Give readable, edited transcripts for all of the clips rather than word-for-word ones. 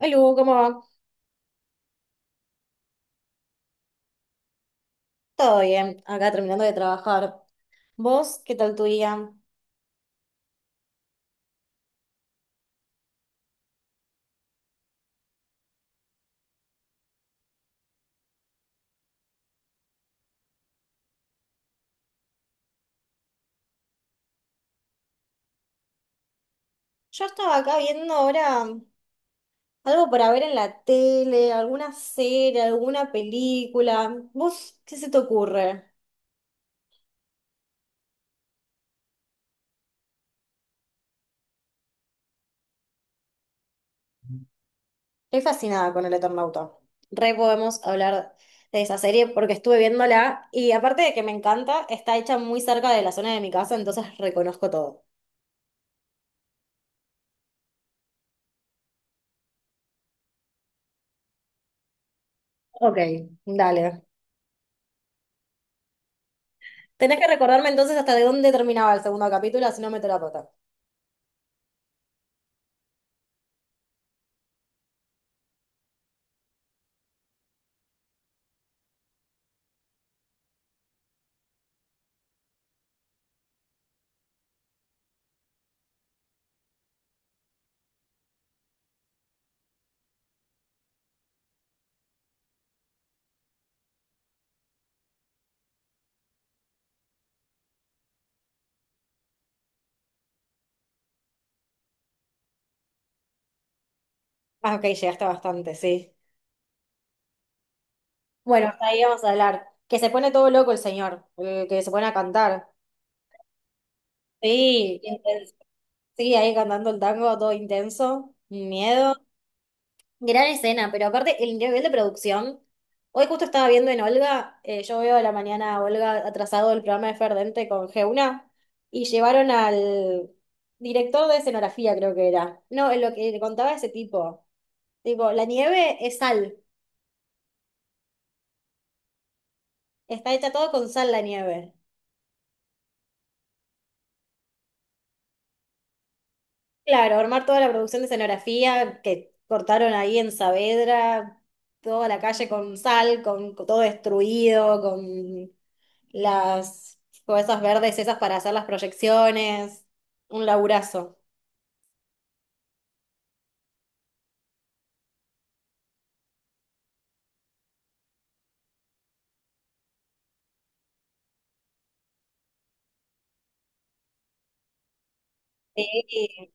Lu, ¿cómo va? Todo bien, acá terminando de trabajar. ¿Vos qué tal tu día? Yo estaba acá viendo ahora algo para ver en la tele, alguna serie, alguna película. ¿Vos qué se te ocurre? Estoy fascinada con El Eternauta. Re podemos hablar de esa serie porque estuve viéndola y aparte de que me encanta, está hecha muy cerca de la zona de mi casa, entonces reconozco todo. Ok, dale. Tenés que recordarme entonces hasta de dónde terminaba el segundo capítulo, si no meto la pata. Ah, ok, llegaste bastante, sí. Bueno, hasta ahí vamos a hablar. Que se pone todo loco el señor, el que se pone a cantar. Sí, intenso. Sí, ahí cantando el tango, todo intenso, miedo. Gran escena, pero aparte el nivel de producción. Hoy justo estaba viendo en Olga, yo veo a la mañana a Olga atrasado el programa de Ferdente con Geuna, y llevaron al director de escenografía, creo que era. No, lo que contaba ese tipo. Tipo, la nieve es sal, está hecha todo con sal la nieve. Claro, armar toda la producción de escenografía que cortaron ahí en Saavedra, toda la calle con sal, con todo destruido, con las cosas verdes esas para hacer las proyecciones, un laburazo. Sí.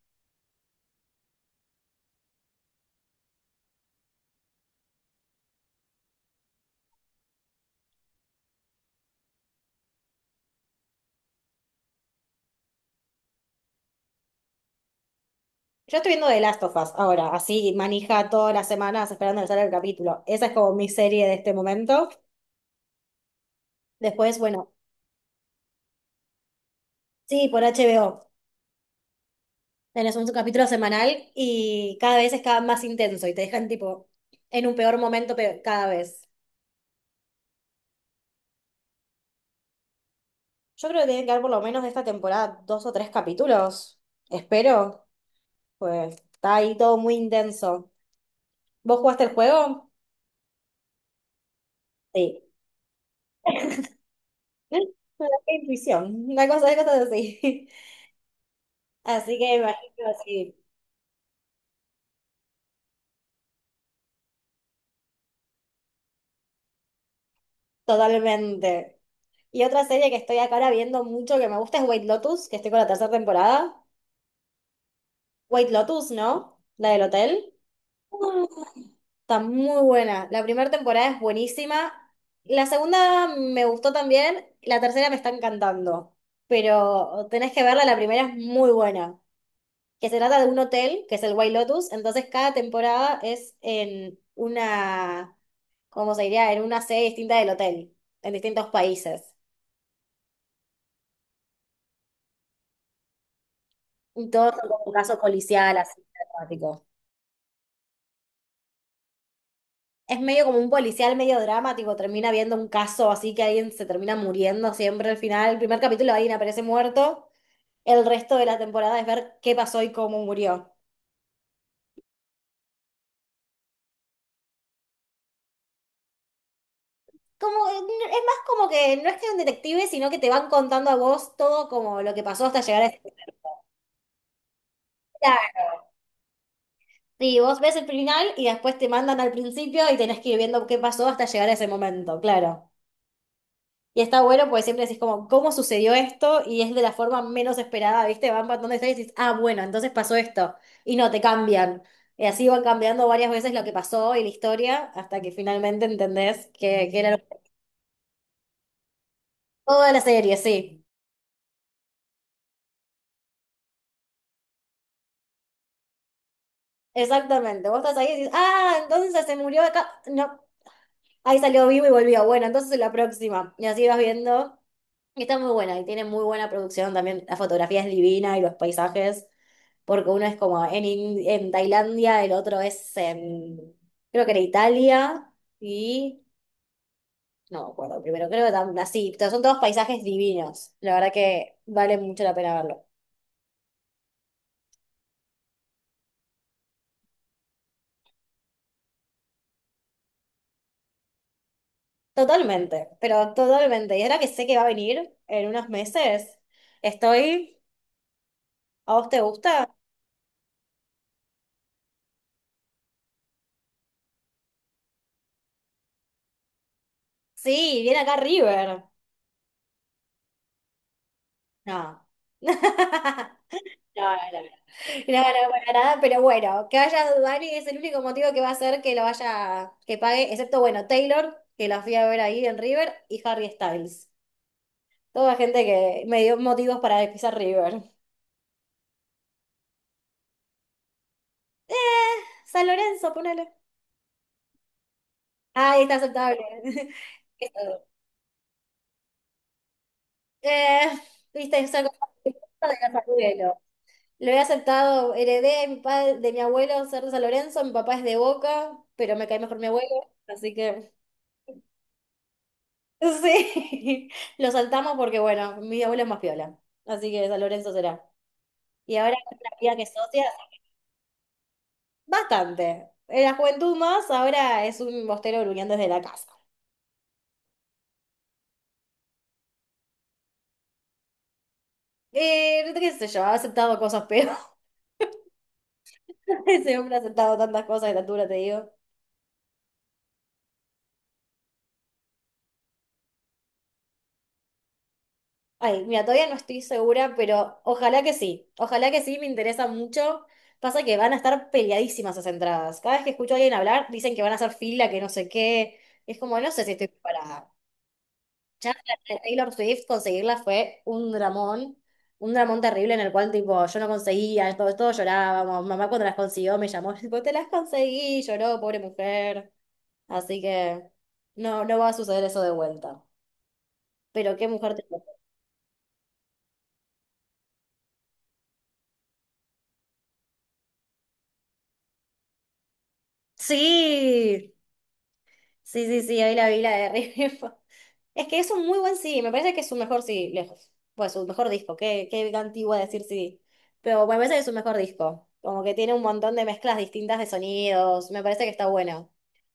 Yo estoy viendo The Last of Us ahora, así manija todas las semanas esperando que salga el capítulo. Esa es como mi serie de este momento. Después, bueno, sí, por HBO. Tenés un capítulo semanal y cada vez es cada más intenso y te dejan tipo en un peor momento cada vez. Yo creo que tienen que haber por lo menos de esta temporada dos o tres capítulos. Espero. Pues está ahí todo muy intenso. ¿Vos jugaste el juego? Sí. Una intuición, una cosa de cosas así. Así que me imagino así, totalmente. Y otra serie que estoy acá ahora viendo mucho que me gusta es White Lotus, que estoy con la tercera temporada. White Lotus, ¿no? La del hotel. Está muy buena. La primera temporada es buenísima. La segunda me gustó también. La tercera me está encantando. Pero tenés que verla, la primera es muy buena. Que se trata de un hotel, que es el White Lotus. Entonces cada temporada es en una, ¿cómo se diría? En una sede distinta del hotel, en distintos países. Y todo son como un caso policial, así, dramático. Es medio como un policial, medio dramático. Termina viendo un caso así que alguien se termina muriendo siempre al final. El primer capítulo alguien aparece muerto. El resto de la temporada es ver qué pasó y cómo murió. Como, es más como que no es que es un detective, sino que te van contando a vos todo como lo que pasó hasta llegar a ese final. Sí, vos ves el final y después te mandan al principio y tenés que ir viendo qué pasó hasta llegar a ese momento, claro. Y está bueno porque siempre decís como, ¿cómo sucedió esto? Y es de la forma menos esperada, ¿viste? Van contando historias y dices, ah, bueno, entonces pasó esto. Y no, te cambian. Y así van cambiando varias veces lo que pasó y la historia hasta que finalmente entendés que era lo Toda la serie, sí. Exactamente. Vos estás ahí y dices, ah, entonces se murió acá. No, ahí salió vivo y volvió. Bueno, entonces en la próxima. Y así vas viendo. Y está muy buena y tiene muy buena producción también. La fotografía es divina y los paisajes. Porque uno es como en Tailandia, el otro es en, creo que era Italia. Y no me acuerdo primero, creo que así, pero son todos paisajes divinos. La verdad que vale mucho la pena verlo. Totalmente, pero totalmente. Y ahora que sé que va a venir en unos meses, estoy. ¿A vos te gusta? Sí, viene acá River. No. No, no, no. No, no, para nada, pero bueno, que vaya Dani es el único motivo que va a hacer que lo vaya, que pague, excepto, bueno, Taylor, que la fui a ver ahí en River, y Harry Styles. Toda gente que me dio motivos para pisar River. Eh, San Lorenzo, ponele. Ah, está aceptable. Eh, viste, es algo de los abuelos. Lo he aceptado, heredé de mi padre, de mi abuelo ser de San Lorenzo, mi papá es de Boca, pero me cae mejor mi abuelo, así que sí, lo saltamos porque bueno, mi abuelo es más piola, así que San Lorenzo será. Y ahora es una vida que es socia, bastante. En la juventud más, ahora es un bostero gruñando desde la casa. Qué sé yo, ha aceptado cosas peores. Ese hombre ha aceptado tantas cosas de la altura, te digo. Ay, mira, todavía no estoy segura, pero ojalá que sí. Ojalá que sí, me interesa mucho. Pasa que van a estar peleadísimas esas entradas. Cada vez que escucho a alguien hablar, dicen que van a hacer fila, que no sé qué. Es como, no sé si estoy preparada. Ya la de Taylor Swift conseguirla fue un dramón terrible en el cual, tipo, yo no conseguía, todos, todos llorábamos. Mamá cuando las consiguió me llamó, tipo, te las conseguí, lloró, pobre mujer. Así que no, no va a suceder eso de vuelta. Pero qué mujer te... Sí. Sí, sí, sí, hoy la vi la de River. Es que es un muy buen CD, me parece que es su mejor CD, lejos. Pues su mejor disco, qué antigua decir CD. Pero bueno, me parece que es su mejor disco. Como que tiene un montón de mezclas distintas de sonidos, me parece que está bueno.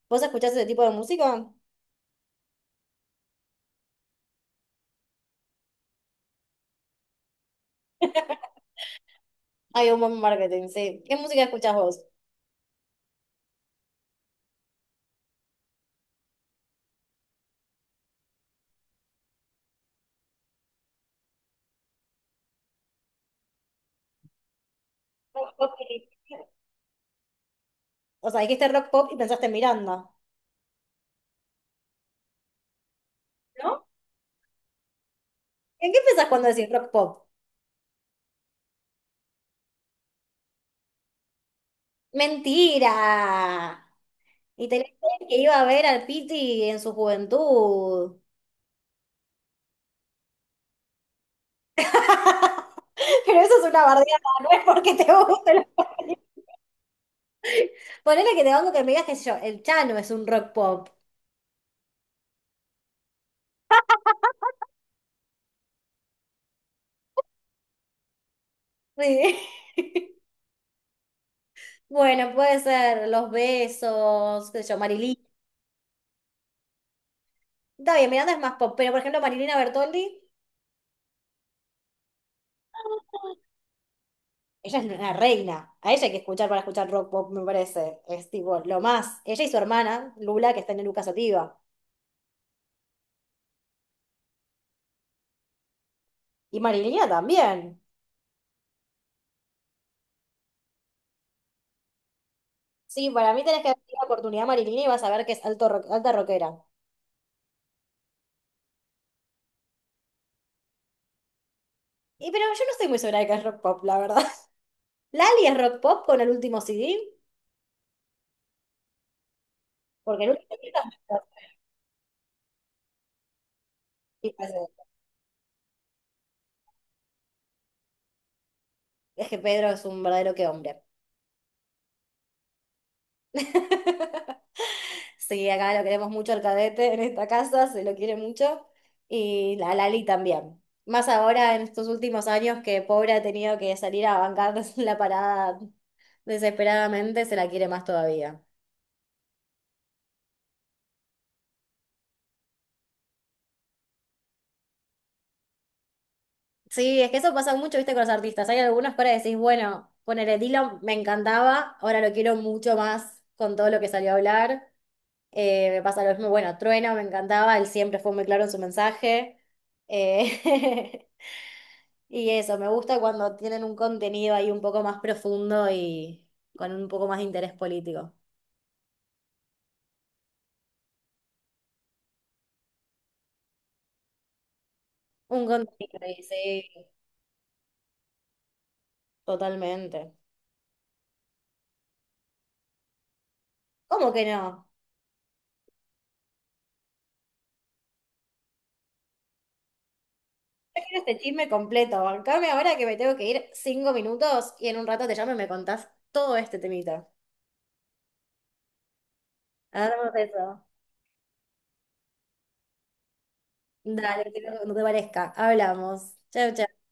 ¿Vos escuchás ese tipo de música? Hay un buen marketing, sí. ¿Qué música escuchás vos? Rock pop O sea, dijiste rock pop y pensaste en Miranda, ¿no? ¿En qué pensás cuando decís rock pop? ¡Mentira! Y tenés que iba a ver al Piti en su juventud. Pero eso es una bardeada, no es porque te guste la película. Ponele que te banco que me digas, que yo, el Chano es un rock pop. Sí. Bueno, puede ser Los Besos, qué sé yo, Marilina. Está bien, Miranda es más pop, pero por ejemplo Marilina Bertoldi, ella es una reina. A ella hay que escuchar para escuchar rock pop, me parece. Es tipo lo más. Ella y su hermana, Lula, que está en Lucas Sativa. Y Marilina también. Sí, para mí tenés que darle la oportunidad a Marilina y vas a ver que es alta rockera. Y pero yo no estoy muy segura de que es rock pop, la verdad. Lali es rock pop con el último CD, porque el último CD es rock pop. Es que Pedro es un verdadero que hombre. Sí, acá lo queremos mucho al cadete en esta casa, se lo quiere mucho. Y la Lali también. Más ahora en estos últimos años que pobre ha tenido que salir a bancar la parada desesperadamente, se la quiere más todavía. Sí, es que eso pasa mucho, viste, con los artistas. Hay algunos que ahora decís, bueno, ponele Dylan, me encantaba, ahora lo quiero mucho más con todo lo que salió a hablar. Me pasa lo mismo, bueno, Trueno me encantaba, él siempre fue muy claro en su mensaje. Eh, y eso, me gusta cuando tienen un contenido ahí un poco más profundo y con un poco más de interés político. Un contenido, y sí, totalmente. ¿Cómo que no? Este chisme completo, bancame ahora que me tengo que ir 5 minutos y en un rato te llamo y me contás todo este temita. Hagamos eso. Dale, que no te parezca. Hablamos. Chau, chau.